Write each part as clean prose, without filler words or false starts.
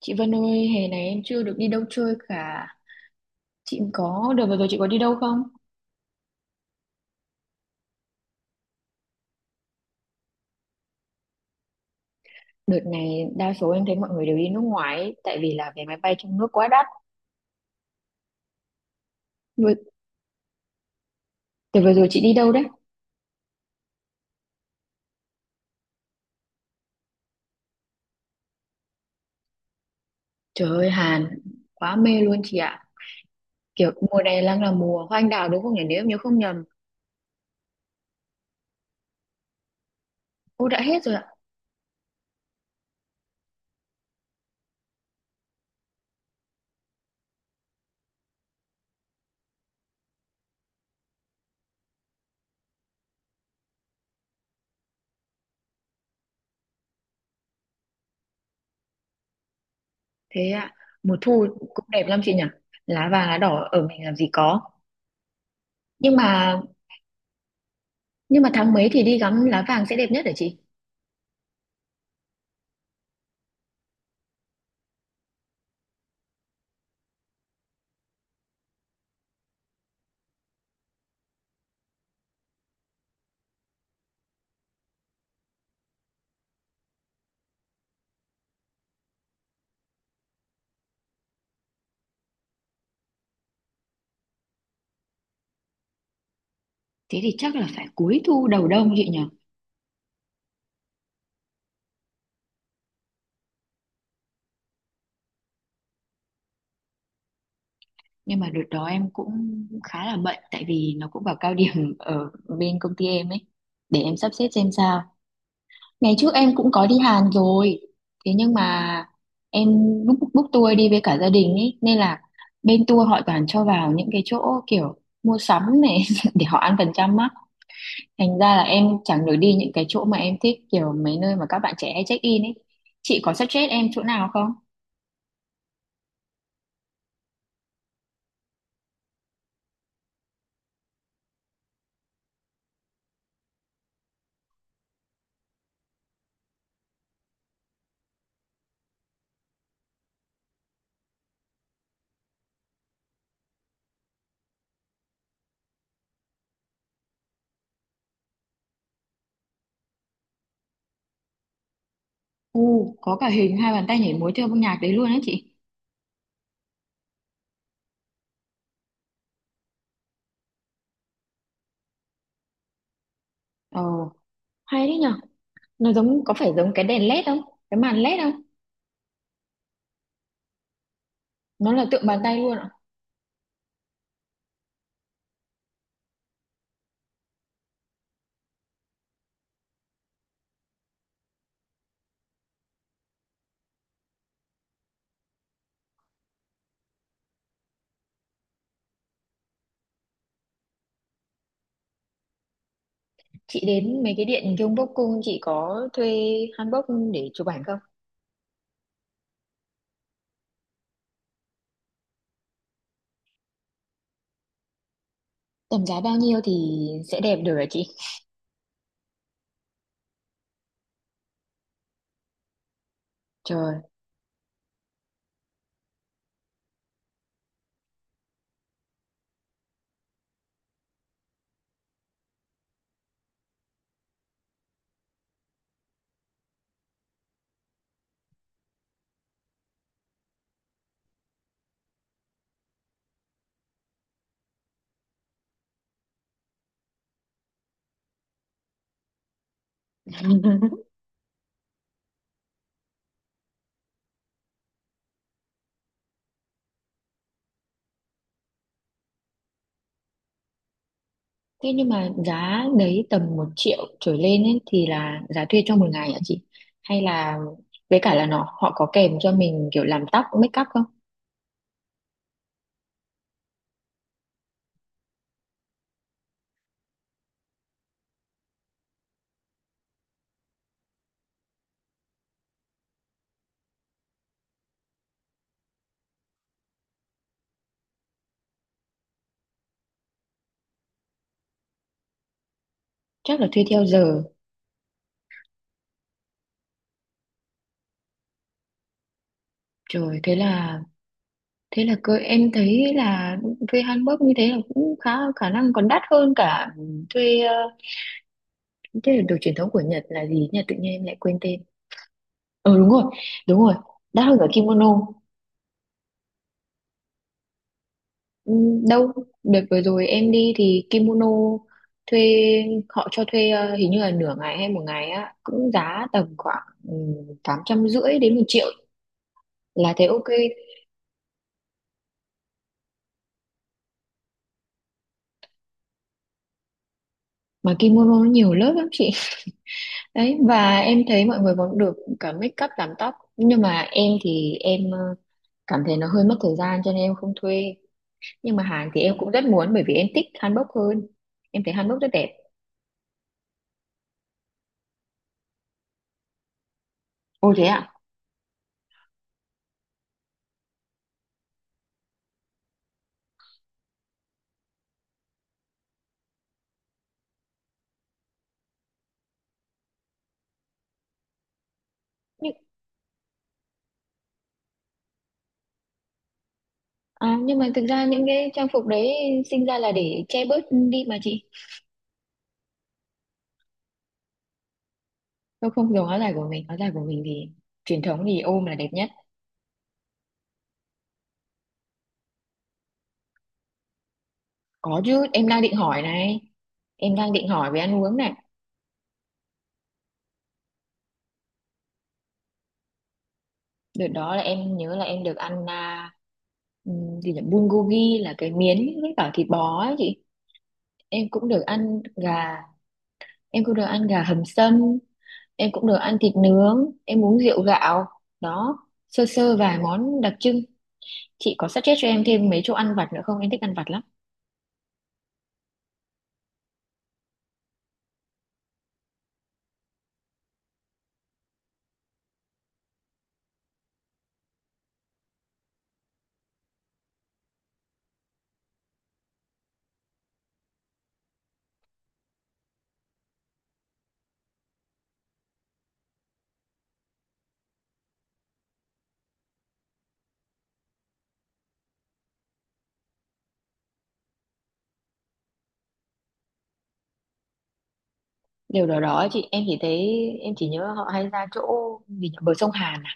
Chị Vân ơi, hè này em chưa được đi đâu chơi cả. Chị có, đợt vừa rồi chị có đi đâu không? Đợt này đa số em thấy mọi người đều đi nước ngoài ấy, tại vì là vé máy bay trong nước quá đắt. Vừa, Đợt vừa rồi chị đi đâu đấy? Trời ơi, Hàn, quá mê luôn chị ạ. Kiểu mùa này đang là mùa hoa anh đào đúng không nhỉ? Nếu em nhớ không nhầm. Ô, đã hết rồi ạ. Thế ạ, mùa thu cũng đẹp lắm chị nhỉ? Lá vàng, lá đỏ ở mình làm gì có. Nhưng mà nhưng mà tháng mấy thì đi ngắm lá vàng sẽ đẹp nhất hả chị? Thế thì chắc là phải cuối thu đầu đông chị nhỉ? Nhưng mà đợt đó em cũng khá là bận, tại vì nó cũng vào cao điểm ở bên công ty em ấy. Để em sắp xếp xem sao. Ngày trước em cũng có đi Hàn rồi, thế nhưng mà em book book tour đi với cả gia đình ấy nên là bên tour họ toàn cho vào những cái chỗ kiểu mua sắm này để họ ăn phần trăm á. Thành ra là em chẳng được đi những cái chỗ mà em thích, kiểu mấy nơi mà các bạn trẻ hay check in ấy. Chị có suggest em chỗ nào không? Có cả hình hai bàn tay nhảy múa theo âm nhạc đấy luôn á chị. Ồ, hay đấy nhở. Nó giống, có phải giống cái đèn led không, cái màn led không? Nó là tượng bàn tay luôn ạ? Chị đến mấy cái điện Gyeongbok cung, chị có thuê hanbok để chụp ảnh không? Tầm giá bao nhiêu thì sẽ đẹp được hả chị? Trời. Thế nhưng mà giá đấy tầm 1 triệu trở lên ấy, thì là giá thuê cho một ngày hả chị? Hay là với cả là nó họ có kèm cho mình kiểu làm tóc make up không? Chắc là thuê theo giờ. Trời, thế là cơ em thấy là thuê hanbok như thế là cũng khá khả năng còn đắt hơn cả thuê thế là đồ truyền thống của Nhật là gì nhỉ? Tự nhiên em lại quên tên. Ờ Đúng rồi, đúng rồi, đắt hơn cả kimono. Ừ, đâu, đợt vừa rồi em đi thì kimono thuê, họ cho thuê hình như là nửa ngày hay một ngày á, cũng giá tầm khoảng ừ, 850 đến 1 triệu là thấy ok. Mà kimono nó nhiều lớp lắm chị. Đấy, và em thấy mọi người còn được cả make up làm tóc, nhưng mà em thì em cảm thấy nó hơi mất thời gian cho nên em không thuê. Nhưng mà hàng thì em cũng rất muốn bởi vì em thích hanbok hơn. Em thấy hanbok rất đẹp. Ồ thế ạ? nhưng, nhưng mà thực ra những cái trang phục đấy sinh ra là để che bớt đi mà chị. Tôi không dùng áo dài của mình thì truyền thống thì ôm là đẹp nhất. Có chứ, em đang định hỏi này. Em đang định hỏi về ăn uống này. Đợt đó là em nhớ là em được ăn Ừ, thì là bulgogi, là cái miến với cả thịt bò ấy chị. Em cũng được ăn gà, em cũng được ăn gà hầm sâm, em cũng được ăn thịt nướng, em uống rượu gạo. Đó, sơ sơ vài món đặc trưng. Chị có suggest cho em thêm mấy chỗ ăn vặt nữa không? Em thích ăn vặt lắm. Điều đó đó chị, em chỉ thấy em chỉ nhớ họ hay ra chỗ gì nhỉ? Bờ sông Hàn à?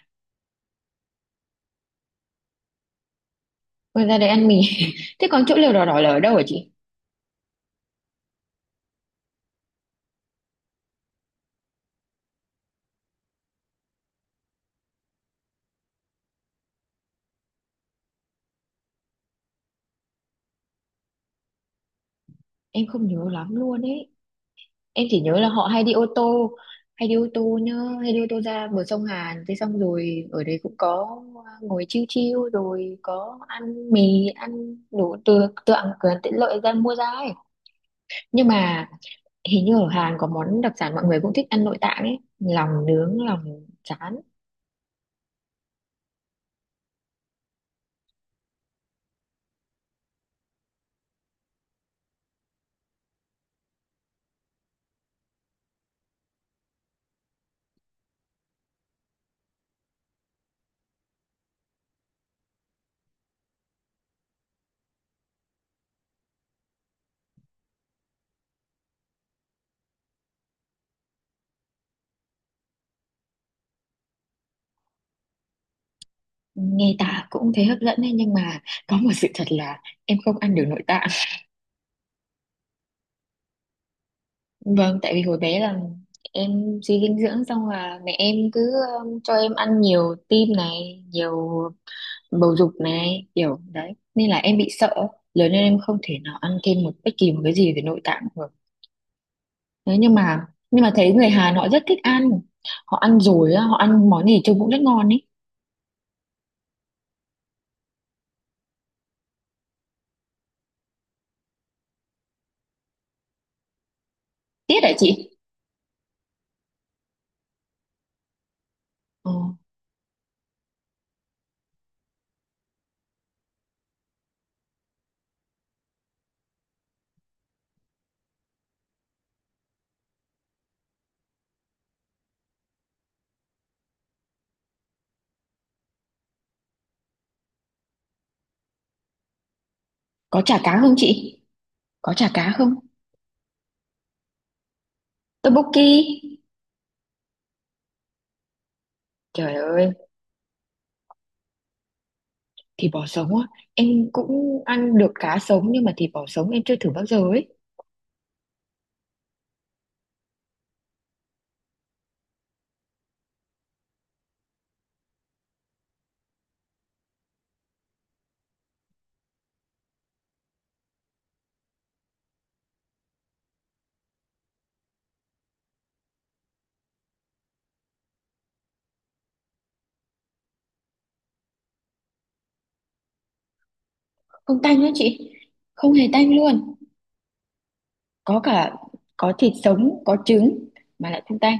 Rồi ra đấy ăn mì. Thế còn chỗ lều đỏ đỏ là ở đâu hả chị? Em không nhớ lắm luôn ấy. Em chỉ nhớ là họ hay đi ô tô, hay đi ô tô nhá hay đi ô tô ra bờ sông Hàn thế, xong rồi ở đấy cũng có, ngồi chiêu chiêu rồi có ăn mì, ăn đủ, từ từ ăn cửa hàng tiện lợi ra mua ra ấy. Nhưng mà hình như ở Hàn có món đặc sản mọi người cũng thích ăn nội tạng ấy, lòng nướng, lòng trán. Nghe tả cũng thấy hấp dẫn ấy, nhưng mà có một sự thật là em không ăn được nội tạng. Vâng, tại vì hồi bé là em suy dinh dưỡng xong là mẹ em cứ cho em ăn nhiều tim này, nhiều bầu dục này, kiểu đấy. Nên là em bị sợ, lớn lên em không thể nào ăn thêm một bất kỳ một cái gì về nội tạng được. Đấy, nhưng mà thấy người Hàn họ rất thích ăn. Họ ăn rồi, á, họ ăn món gì trông cũng rất ngon ấy. Tiếc hả chị? Ờ, có chả cá không chị? Có chả cá không? Tteokbokki. Trời ơi, thịt bò sống á, em cũng ăn được cá sống nhưng mà thịt bò sống em chưa thử bao giờ ấy. Không tanh nữa chị. Không hề tanh luôn. Có cả, có thịt sống, có trứng mà lại không tanh.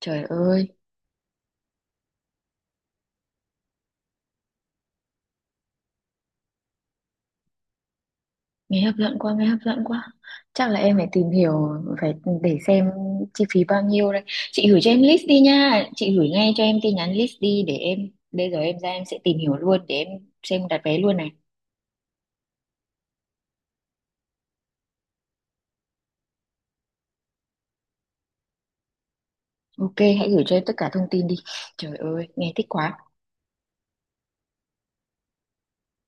Trời ơi, nghe hấp dẫn quá, nghe hấp dẫn quá. Chắc là em phải tìm hiểu, phải để xem chi phí bao nhiêu đây. Chị gửi cho em list đi nha. Chị gửi ngay cho em tin nhắn list đi để em, bây giờ em ra em sẽ tìm hiểu luôn để em xem đặt vé luôn này. Ok, hãy gửi cho em tất cả thông tin đi. Trời ơi, nghe thích quá.